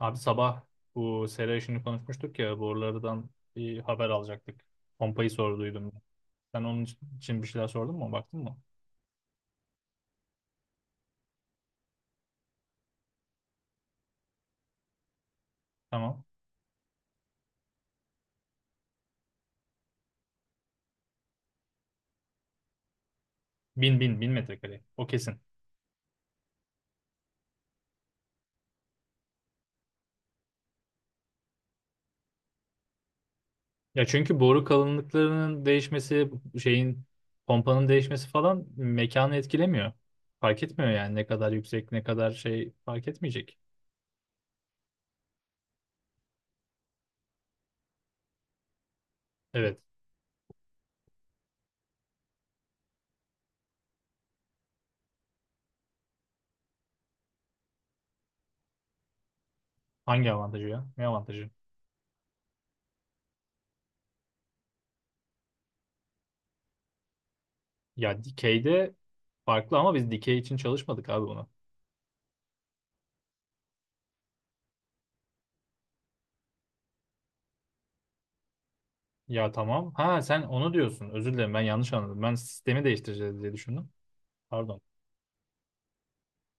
Abi sabah bu sera işini konuşmuştuk ya borulardan bir haber alacaktık. Pompayı sorduydum. Sen onun için bir şeyler sordun mu? Baktın mı? Tamam. Bin bin bin metrekare. O kesin. Ya çünkü boru kalınlıklarının değişmesi, şeyin pompanın değişmesi falan mekanı etkilemiyor. Fark etmiyor yani ne kadar yüksek ne kadar şey fark etmeyecek. Evet. Hangi avantajı ya? Ne avantajı? Ya dikeyde farklı ama biz dikey için çalışmadık abi. Ya tamam. Ha, sen onu diyorsun. Özür dilerim, ben yanlış anladım. Ben sistemi değiştireceğiz diye düşündüm. Pardon.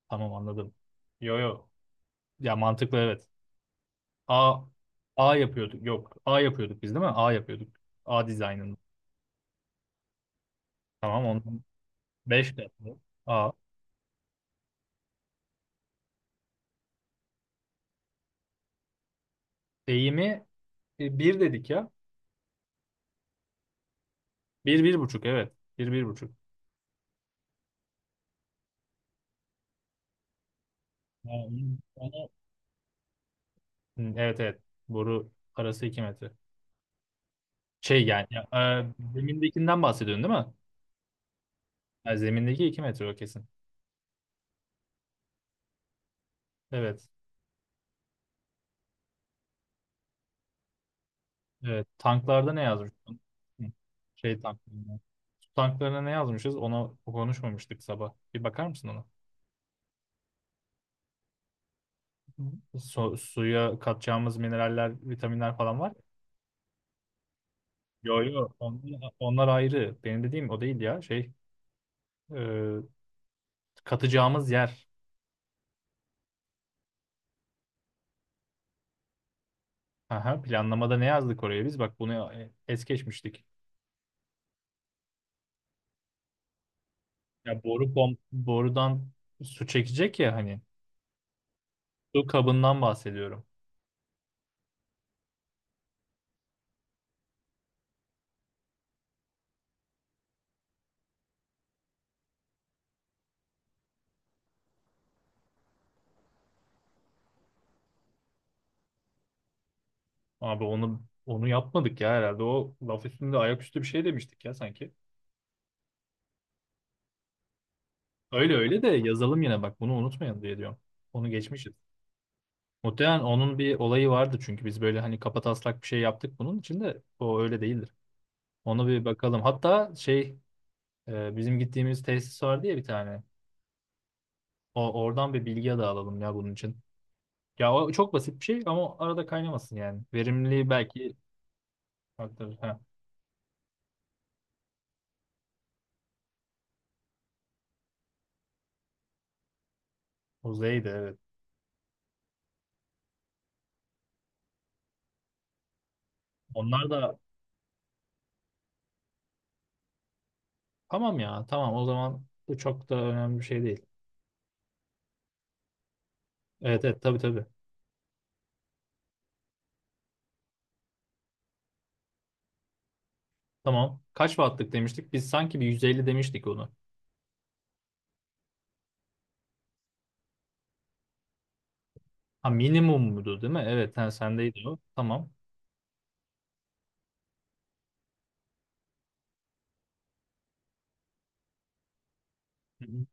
Tamam, anladım. Yo yo. Ya mantıklı, evet. A A yapıyorduk. Yok. A yapıyorduk biz değil mi? A yapıyorduk. A dizaynını. Tamam, ondan 5 de yaptık. A. Eğimi bir dedik ya. Bir, bir buçuk, evet. Bir 1,5. Ya onu- Hı, evet, evet. Boru arası 2 metre. Şey yani ya, zemindekinden bahsediyorsun değil mi? Ha, zemindeki 2 metre, o kesin. Evet. Evet, tanklarda ne yazmıştın? Hı, şey tanklarında. Su tanklarına ne yazmışız? Ona konuşmamıştık sabah. Bir bakar mısın ona? Hı. Suya katacağımız mineraller, vitaminler falan var. Yo yo. Onlar ayrı. Benim dediğim o değil ya. Şey, e, katacağımız yer. Aha, planlamada ne yazdık oraya biz? Bak, bunu es geçmiştik. Ya borudan su çekecek ya hani. Su kabından bahsediyorum. Abi onu yapmadık ya herhalde. O laf üstünde ayaküstü bir şey demiştik ya sanki. Öyle öyle de yazalım yine, bak bunu unutmayın diye diyorum. Onu geçmişiz. Muhtemelen onun bir olayı vardı çünkü biz böyle hani kapataslak bir şey yaptık, bunun için de o öyle değildir. Onu bir bakalım. Hatta şey bizim gittiğimiz tesis vardı ya bir tane. O oradan bir bilgi de alalım ya bunun için. Ya o çok basit bir şey ama arada kaynamasın yani. Verimli belki aktarır. Ha, o Z'ydi, evet. Onlar da. Tamam ya, tamam, o zaman bu çok da önemli bir şey değil. Evet, evet, tabii, tabii. Tamam. Kaç wattlık demiştik? Biz sanki bir 150 demiştik onu. Ha, minimum muydu değil mi? Evet ha, sendeydi o. Tamam. Hı hı.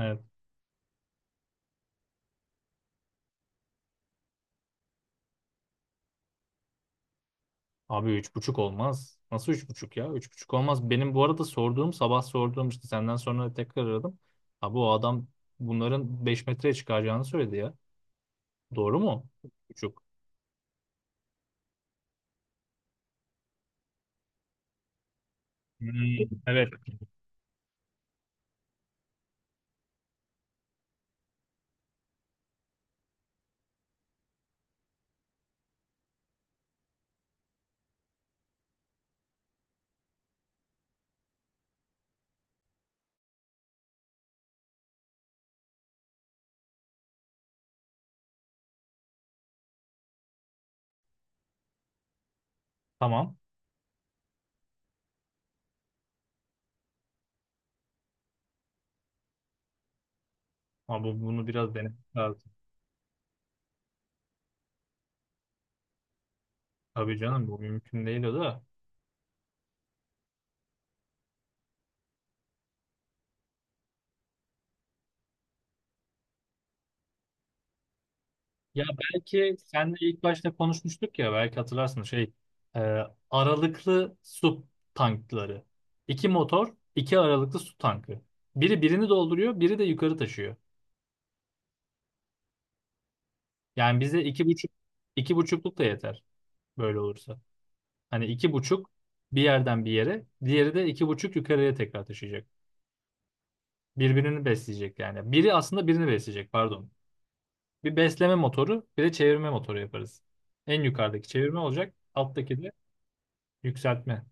Evet. Abi 3,5 olmaz. Nasıl 3,5 ya? 3,5 olmaz. Benim bu arada sorduğum, sabah sorduğum işte, senden sonra tekrar aradım. Abi o adam bunların 5 metreye çıkaracağını söyledi ya. Doğru mu? 3,5. Hmm, evet. Tamam. Ama bunu biraz denemek lazım. Tabii canım, bu mümkün değil o da. Ya belki senle ilk başta konuşmuştuk ya, belki hatırlarsın şey, e, aralıklı su tankları. İki motor, iki aralıklı su tankı. Biri birini dolduruyor, biri de yukarı taşıyor. Yani bize iki buçuk, iki buçukluk da yeter böyle olursa. Hani iki buçuk bir yerden bir yere, diğeri de iki buçuk yukarıya tekrar taşıyacak. Birbirini besleyecek yani. Biri aslında birini besleyecek, pardon. Bir besleme motoru, bir de çevirme motoru yaparız. En yukarıdaki çevirme olacak, alttaki de yükseltme.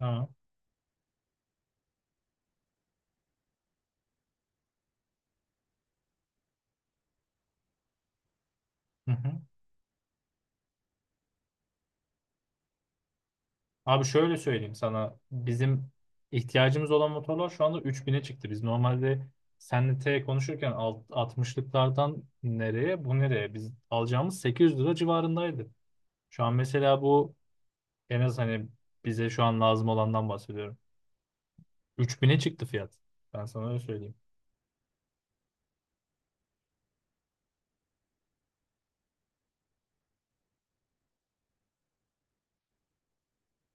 Ha. Hı hı. Abi şöyle söyleyeyim sana. Bizim ihtiyacımız olan motorlar şu anda 3000'e çıktı. Biz normalde senle T konuşurken altmışlıklardan, nereye bu nereye? Biz alacağımız 800 lira civarındaydı. Şu an mesela bu en az, hani bize şu an lazım olandan bahsediyorum. 3000'e çıktı fiyat. Ben sana öyle söyleyeyim.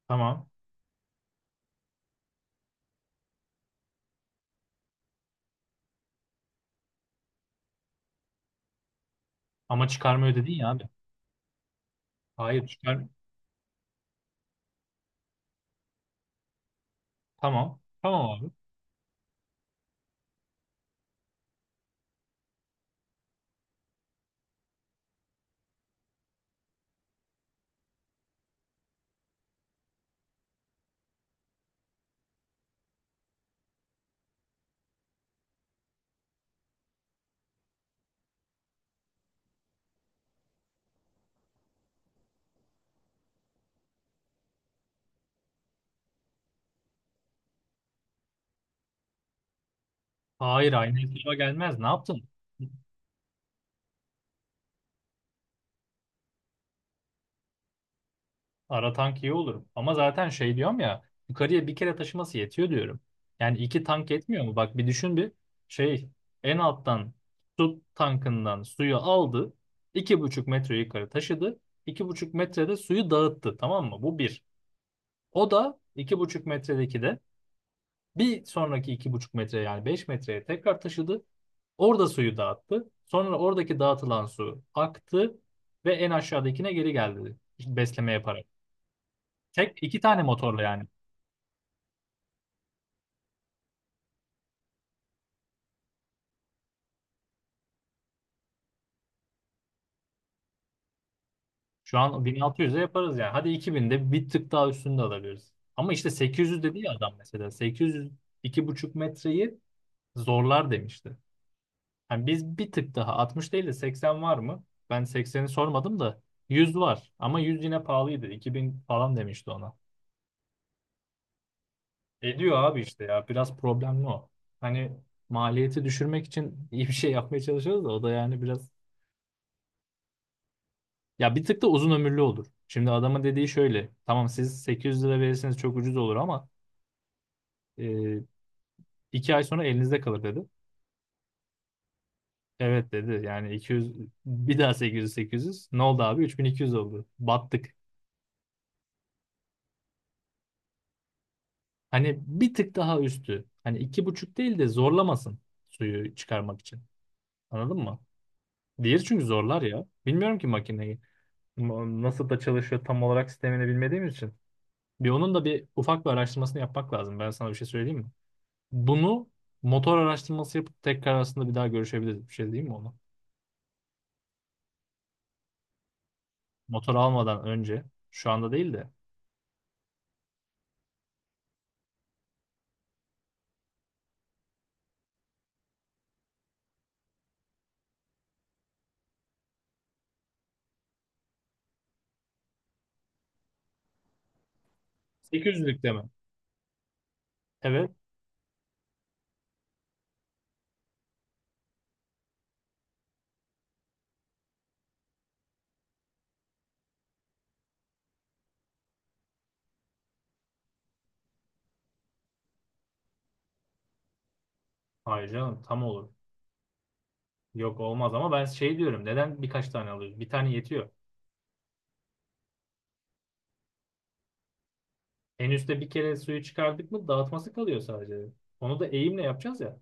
Tamam. Ama çıkarma ödedin ya abi. Hayır, çıkar. Tamam. Tamam abi. Hayır, aynı hesaba gelmez. Ne yaptın? Ara tank iyi olur. Ama zaten şey diyorum ya, yukarıya bir kere taşıması yetiyor diyorum. Yani iki tank yetmiyor mu? Bak bir düşün, bir şey en alttan su tankından suyu aldı. 2,5 metre yukarı taşıdı. 2,5 metrede suyu dağıttı, tamam mı? Bu bir. O da iki buçuk metredeki de bir sonraki 2,5 metre yani 5 metreye tekrar taşıdı. Orada suyu dağıttı. Sonra oradaki dağıtılan su aktı ve en aşağıdakine geri geldi. İşte besleme yaparak. Tek iki tane motorla yani. Şu an 1600'e yaparız yani. Hadi 2000'de bir tık daha üstünde alabiliriz. Ama işte 800 dedi ya adam mesela. 800 buçuk metreyi zorlar demişti. Yani biz bir tık daha 60 değil de 80 var mı? Ben 80'i sormadım da 100 var. Ama 100 yine pahalıydı. 2000 falan demişti ona. Ediyor abi işte ya. Biraz problemli o. Hani maliyeti düşürmek için iyi bir şey yapmaya çalışıyoruz da o da yani biraz. Ya bir tık da uzun ömürlü olur. Şimdi adama dediği şöyle. Tamam, siz 800 lira verirseniz çok ucuz olur ama e, 2 ay sonra elinizde kalır dedi. Evet dedi. Yani 200 bir daha 800 800 ne oldu abi, 3200 oldu. Battık. Hani bir tık daha üstü. Hani iki buçuk değil de zorlamasın suyu çıkarmak için. Anladın mı? Diğeri çünkü zorlar ya. Bilmiyorum ki makineyi. Nasıl da çalışıyor tam olarak sistemini bilmediğimiz için. Bir onun da bir ufak bir araştırmasını yapmak lazım. Ben sana bir şey söyleyeyim mi? Bunu motor araştırması yapıp tekrar aslında bir daha görüşebiliriz. Bir şey değil mi ona? Motor almadan önce. Şu anda değil de. 800'lükte mi? Evet. Hayır canım, tam olur. Yok, olmaz ama ben şey diyorum. Neden birkaç tane alıyoruz? Bir tane yetiyor. En üstte bir kere suyu çıkardık mı dağıtması kalıyor sadece. Onu da eğimle yapacağız ya.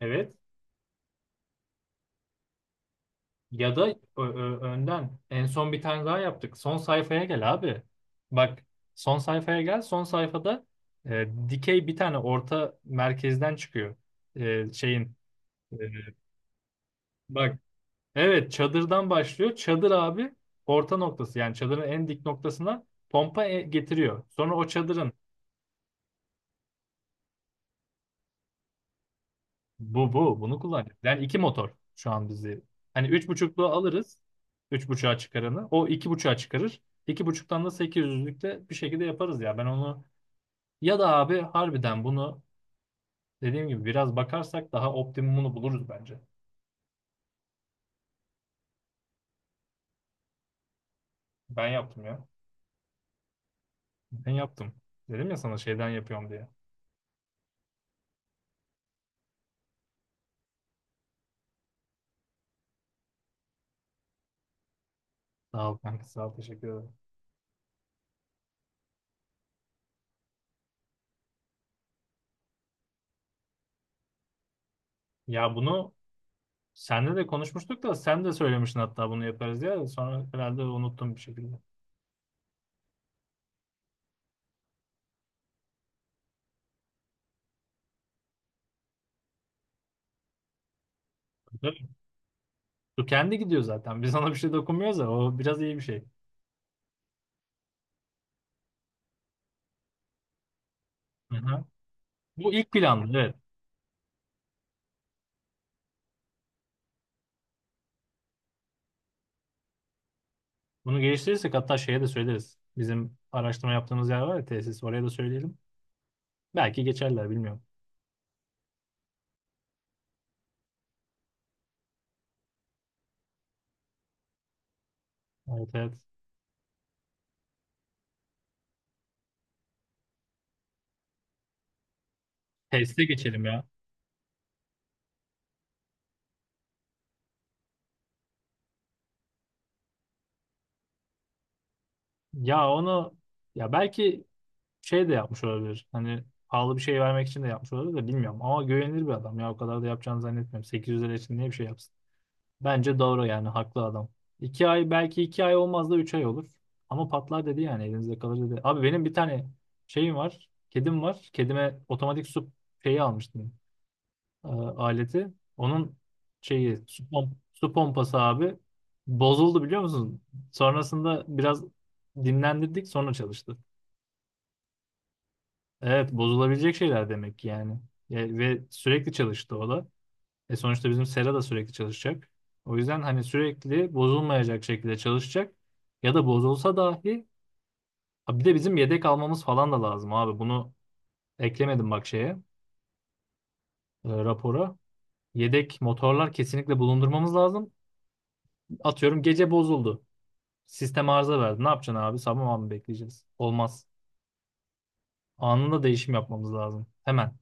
Evet. Ya da önden en son bir tane daha yaptık. Son sayfaya gel abi. Bak, son sayfaya gel. Son sayfada dikey bir tane orta merkezden çıkıyor. Şeyin. e, bak, evet, çadırdan başlıyor. Çadır abi orta noktası yani çadırın en dik noktasına pompa getiriyor. Sonra o çadırın. Bu bu. Bunu kullanacağız. Yani iki motor şu an bizi. Hani üç buçukluğu alırız. Üç buçuğa çıkaranı. O iki buçuğa çıkarır. İki buçuktan da sekiz yüzlükte bir şekilde yaparız ya. Ben onu, ya da abi harbiden bunu dediğim gibi biraz bakarsak daha optimumunu buluruz bence. Ben yaptım ya. Ben yaptım. Dedim ya sana şeyden yapıyorum diye. Sağ ol kanka, sağ ol, teşekkür ederim. Ya bunu senle de konuşmuştuk da, sen de söylemiştin hatta bunu yaparız diye. Sonra herhalde unuttum bir şekilde. Bu kendi gidiyor zaten. Biz ona bir şey dokunmuyoruz da o biraz iyi bir şey. Aha. Bu ilk planlı, evet. Bunu geliştirirsek hatta şeye de söyleriz. Bizim araştırma yaptığımız yer var ya, tesis, oraya da söyleyelim. Belki geçerler, bilmiyorum. Evet, evet. Tesise geçelim ya. Ya onu, ya belki şey de yapmış olabilir. Hani pahalı bir şey vermek için de yapmış olabilir de, bilmiyorum. Ama güvenilir bir adam ya, o kadar da yapacağını zannetmiyorum. 800 lira için niye bir şey yapsın? Bence doğru yani, haklı adam. 2 ay, belki 2 ay olmaz da 3 ay olur. Ama patlar dedi, yani elinizde kalır dedi. Abi benim bir tane şeyim var. Kedim var. Kedime otomatik su şeyi almıştım. Aleti. Onun şeyi su, su pompası abi bozuldu biliyor musun? Sonrasında biraz dinlendirdik, sonra çalıştı. Evet, bozulabilecek şeyler demek ki yani. Ve sürekli çalıştı o da. E sonuçta bizim sera da sürekli çalışacak. O yüzden hani sürekli bozulmayacak şekilde çalışacak. Ya da bozulsa dahi. Ha, bir de bizim yedek almamız falan da lazım abi. Bunu eklemedim bak şeye, rapora. Yedek motorlar kesinlikle bulundurmamız lazım. Atıyorum gece bozuldu. Sistem arıza verdi. Ne yapacaksın abi? Sabah mı bekleyeceğiz? Olmaz. Anında değişim yapmamız lazım. Hemen.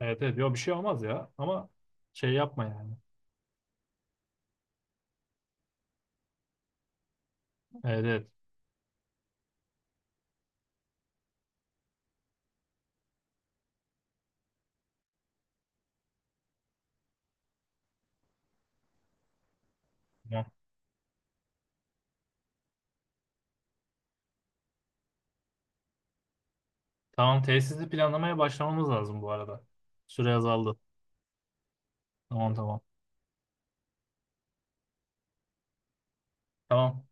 Evet, evet. Yok, bir şey olmaz ya. Ama şey yapma yani. Evet, evet. Tamam. Tamam, tesisli planlamaya başlamamız lazım bu arada. Süre azaldı. Tamam, tamam. Tamam.